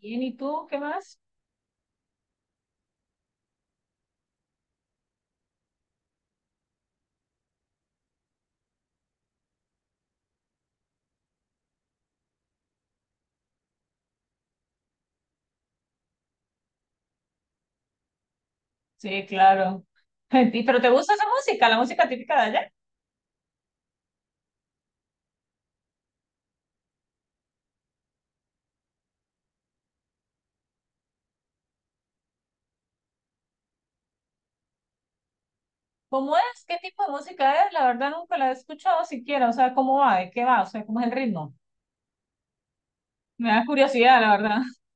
Bien, ¿y tú qué más? Sí, claro. ¿Pero te gusta esa música, la música típica de allá? ¿Cómo es? ¿Qué tipo de música es? La verdad nunca la he escuchado siquiera. O sea, ¿cómo va? ¿De qué va? O sea, ¿cómo es el ritmo? Me da curiosidad, la verdad.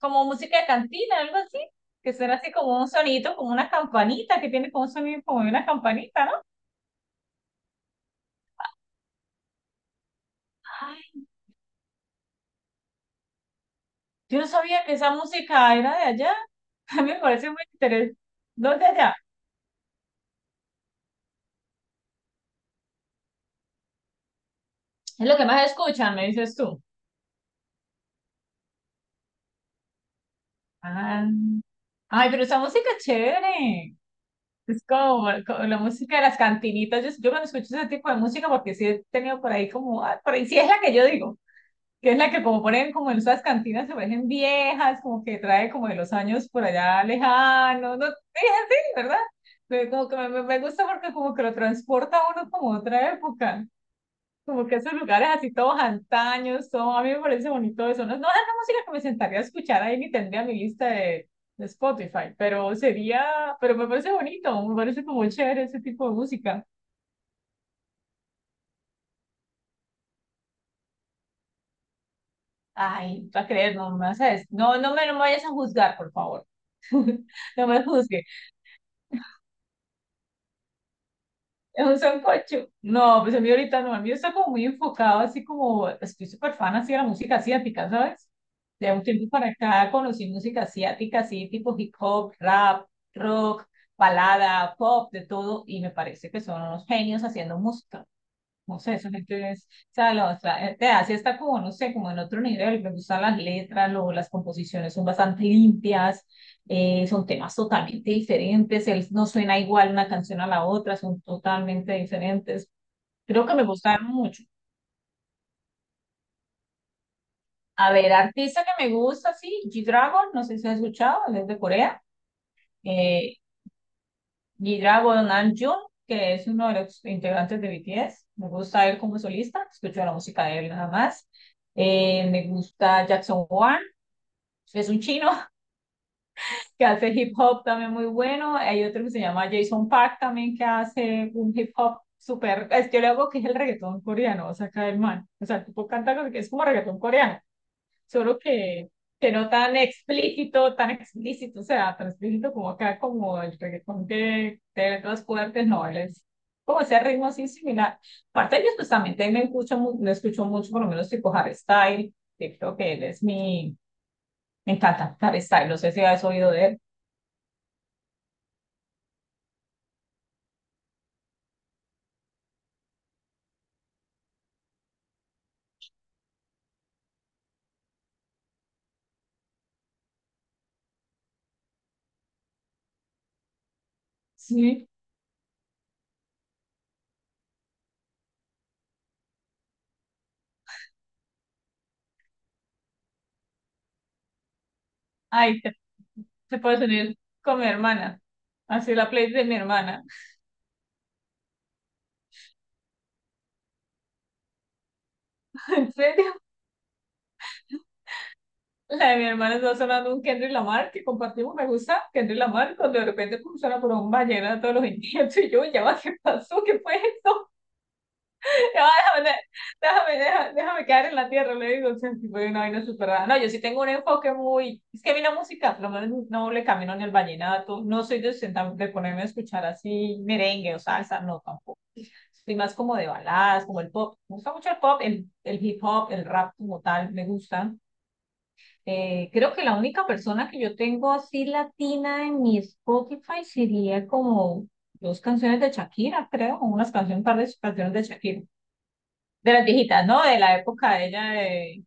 Como música de cantina, algo así. Que será así como un sonido, como una campanita, que tiene como un sonido como de una campanita, ¿no? Ay, yo no sabía que esa música era de allá. A mí me parece muy interesante. ¿Dónde allá? Es lo que más escuchan, me dices tú. Ah. Ay, pero esa música es chévere. Es como, como la música de las cantinitas. Yo cuando escucho ese tipo de música, porque sí he tenido por ahí como, ah, por ahí sí es la que yo digo, que es la que como ponen como en esas cantinas, se parecen viejas, como que trae como de los años por allá lejanos, no, es así, ¿verdad? Pero como que me gusta porque como que lo transporta a uno como a otra época. Como que esos lugares así todos antaños, todo, a mí me parece bonito eso. No, no es la música que me sentaría a escuchar ahí ni tendría mi lista de Spotify, pero sería, pero me parece bonito, me parece como chévere ese tipo de música. Ay, tú vas a creer, no me vas a des- no, no me vayas a juzgar, por favor. No me juzgues. Es un sancocho. No, pues a mí ahorita no, a mí está como muy enfocado, así como pues, estoy súper fan así de la música asiática, ¿sabes? De un tiempo para acá conocí música asiática, así tipo hip hop, rap, rock, balada, pop, de todo, y me parece que son unos genios haciendo música. No sé, son estudios, o sea, la otra, te hace está como, no sé, como en otro nivel, me gustan las letras, lo, las composiciones son bastante limpias, son temas totalmente diferentes, no suena igual una canción a la otra, son totalmente diferentes. Creo que me gustan mucho. A ver, artista que me gusta, sí, G-Dragon, no sé si has escuchado, él es de Corea, eh, Gira Nam-joon, que es uno de los integrantes de BTS. Me gusta él como solista, escucho la música de él nada más. Me gusta Jackson Wang, es un chino que hace hip hop también muy bueno. Hay otro que se llama Jason Park también que hace un hip hop súper. Es que yo le hago que es el reggaetón coreano, o sea, acá el man. O sea, el tipo canta que es como reggaetón coreano solo que no tan explícito, tan explícito, o sea, tan explícito como acá, como el reggaetón que de letras fuertes, no, él es como ese ritmo así similar. Aparte de ellos, pues también me escucho, me escucho mucho, por lo menos tipo Harry Styles que creo que él es mi, me encanta Harry Styles no sé si has oído de él. Sí, ay, te puedes unir con mi hermana, así la playlist de mi hermana. ¿En serio? La de mi hermana está sonando un Kendrick Lamar que compartimos, me gusta Kendrick Lamar, cuando de repente pum, suena por un vallenato de todos los intentos y yo, ya va, ¿qué pasó? ¿Qué fue esto? Ya va, déjame, déjame, déjame, déjame quedar en la tierra, le digo, o sea, tipo de una vaina súper rara. No, yo sí tengo un enfoque muy, es que a mí la música, por lo menos no le camino ni el vallenato, no soy de, de ponerme a escuchar así merengue o salsa, no, tampoco. Soy más como de baladas, como el pop, me gusta mucho el pop, el hip hop, el rap como tal, me gusta creo que la única persona que yo tengo así latina en mi Spotify sería como dos canciones de Shakira, creo, o unas canciones, un par de canciones de Shakira, de las viejitas, ¿no? De la época de ella de,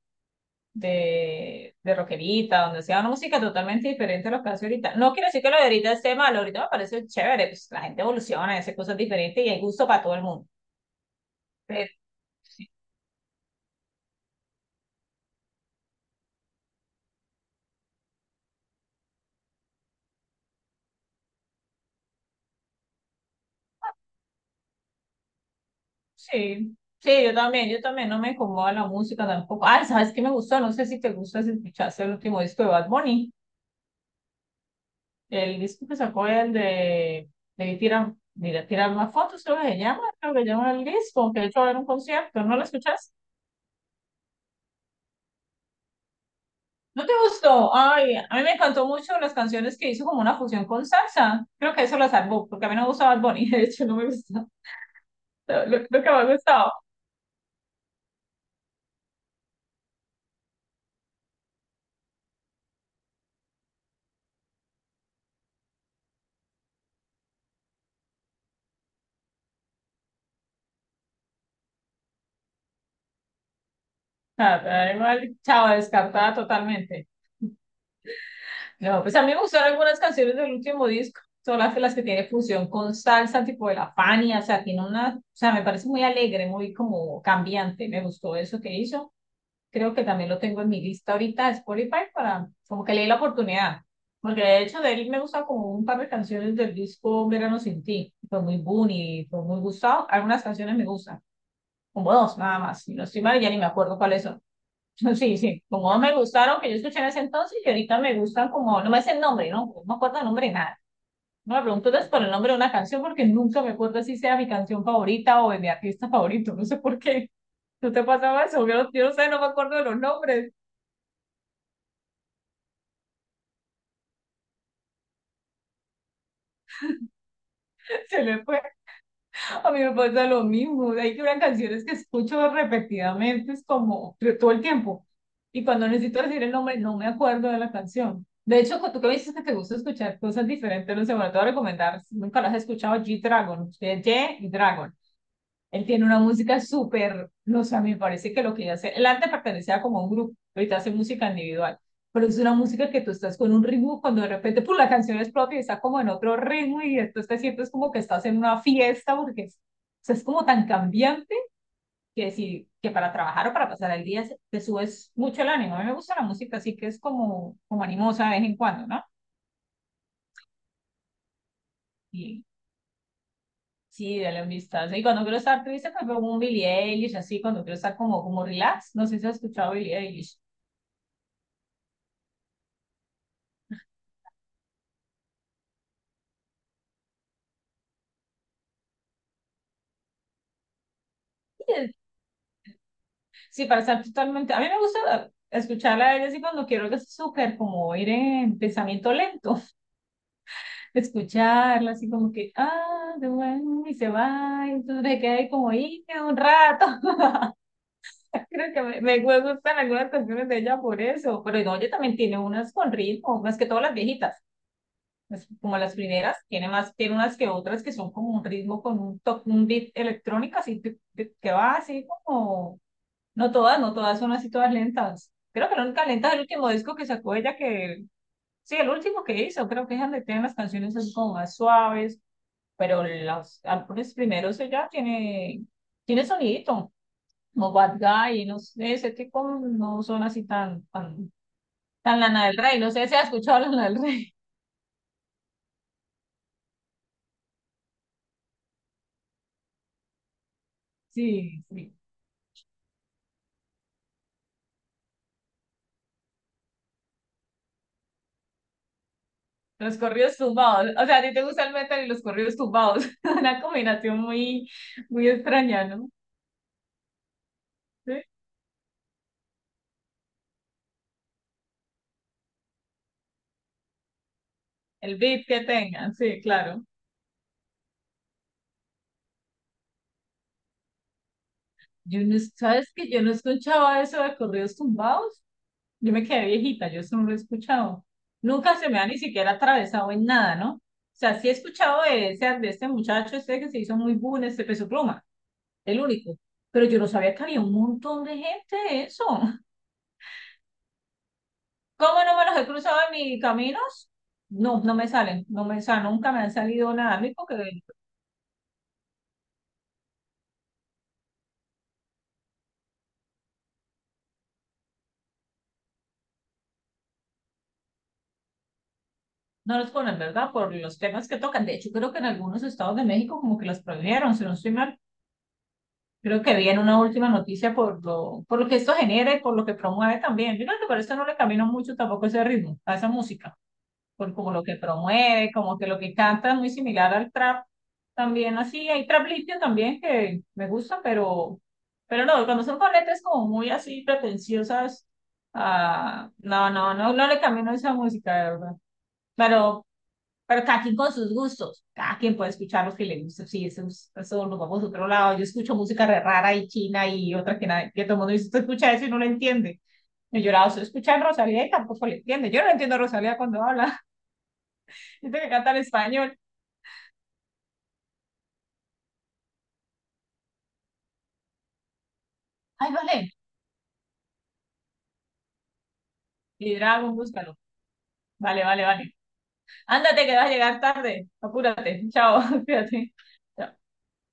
de, de rockerita, donde hacía una música totalmente diferente a lo que hace ahorita. No quiero decir que lo de ahorita esté malo, ahorita me parece chévere, pues la gente evoluciona, hace cosas diferentes y hay gusto para todo el mundo. Pero sí, sí, yo también no me incomoda la música tampoco. Ah, ¿sabes qué me gustó? No sé si te gusta, si escuchaste el último disco de Bad Bunny, el disco que sacó el de tirar, mira, tirar más fotos, creo que se llama, creo que se llama el disco, que de hecho va a haber un concierto, ¿no lo escuchaste? ¿No te gustó? Ay, a mí me encantó mucho las canciones que hizo como una fusión con salsa. Creo que eso la salvó, porque a mí no me gustaba Bad Bunny, de hecho no me gusta. Lo que me ha gustado. Nada, pero igual, chao, descartada totalmente. No, pues a mí me gustaron algunas canciones del último disco, son las que tiene fusión con salsa, tipo de la Fania, o sea, tiene una, o sea, me parece muy alegre, muy como cambiante, me gustó eso que hizo. Creo que también lo tengo en mi lista ahorita de Spotify para como que le dé la oportunidad, porque de hecho de él me gusta como un par de canciones del disco Verano sin ti, fue muy Bunny, fue muy gustado, algunas canciones me gustan, como dos nada más, y no estoy mal, ya ni me acuerdo cuáles son. Sí, sí, como no me gustaron que yo escuché en ese entonces y ahorita me gustan como, no me sé el nombre, ¿no? No me acuerdo el nombre de nada. No me pregunto entonces por el nombre de una canción porque nunca me acuerdo si sea mi canción favorita o de mi artista favorito, no sé por qué. ¿Tú te pasaba eso? Yo, yo no sé, no me acuerdo de los nombres. Se me fue. A mí me pasa lo mismo. Hay que ver canciones que escucho repetidamente, es como todo el tiempo. Y cuando necesito decir el nombre, no me acuerdo de la canción. De hecho, tú que me dices que te gusta escuchar cosas diferentes, no sé, bueno, te voy a recomendar, si nunca las has escuchado, G-Dragon, G-Dragon. Él tiene una música súper, no sé, a mí me parece que lo que él hace, el arte pertenecía como a un grupo, ahorita hace música individual, pero es una música que tú estás con un ritmo cuando de repente, pues la canción explota y está como en otro ritmo y entonces te sientes como que estás en una fiesta porque es, o sea, es como tan cambiante que si, que para trabajar o para pasar el día te subes mucho el ánimo. A mí me gusta la música así que es como, como animosa de vez en cuando, ¿no? Y sí, de la amistad. Y cuando quiero estar triste, pues veo un Billie Eilish, así, cuando quiero estar como, como relax. No sé si has escuchado Billie Eilish. Sí, sí, para estar totalmente. A mí me gusta escucharla a ella así cuando quiero que es súper como ir en pensamiento lento. Escucharla así como que, ah, de bueno, y se va, y entonces me quedé ahí como ahí un rato. Creo que me gustan algunas canciones de ella por eso. Pero no, ella también tiene unas con ritmo, más que todas las viejitas. Es como las primeras, tiene más, tiene unas que otras que son como un ritmo con un, un beat electrónico, así tic, que va así como, no todas, no todas son así todas lentas. Creo que la única lenta es el último disco que sacó ella, que sí, el último que hizo, creo que es donde tiene las canciones así como más suaves, pero los álbumes primeros ella tiene sonidito, como Bad Guy, no sé, ese tipo no son así tan, tan, tan Lana del Rey, no sé si has escuchado Lana del Rey. Sí, sí. Los corridos tumbados. O sea, a ti te gusta el metal y los corridos tumbados. Una combinación muy, muy extraña, ¿no? Sí. El beat que tengan, sí, claro. Yo no, ¿sabes que yo no escuchaba eso de corridos tumbados? Yo me quedé viejita, yo eso no lo he escuchado. Nunca se me ha ni siquiera atravesado en nada, ¿no? O sea, sí he escuchado de, ese, de este muchacho, este que se hizo muy boom, este Peso Pluma, el único. Pero yo no sabía que había un montón de gente de eso. ¿Cómo no me los he cruzado en mis caminos? No, no me salen, nunca me han salido nada a mí porque no los ponen, ¿verdad? Por los temas que tocan. De hecho, creo que en algunos estados de México como que los prohibieron, si no estoy mal. Creo que vi en una última noticia por lo que esto genera y por lo que promueve también. Yo creo que por eso no le camino mucho tampoco ese ritmo, a esa música. Por como lo que promueve, como que lo que canta es muy similar al trap. También así, hay trap limpio también que me gusta, pero no, cuando son con letras como muy así pretenciosas, ah, no, no, no, no le camino a esa música, de verdad. Pero, cada quien con sus gustos, cada quien puede escuchar lo que le gusta, sí, eso, eso nos vamos a otro lado. Yo escucho música re rara y china y otra que, nadie, que todo el mundo dice, usted escucha eso y no lo entiende. Yo he llorado, se escucha a Rosalía y tampoco le entiende. Yo no entiendo a Rosalía cuando habla gente que canta en español. Ay, vale. Y Dragon, búscalo. Vale, vale, vale. Ándate que vas a llegar tarde. Apúrate. Chao, fíjate. Chao.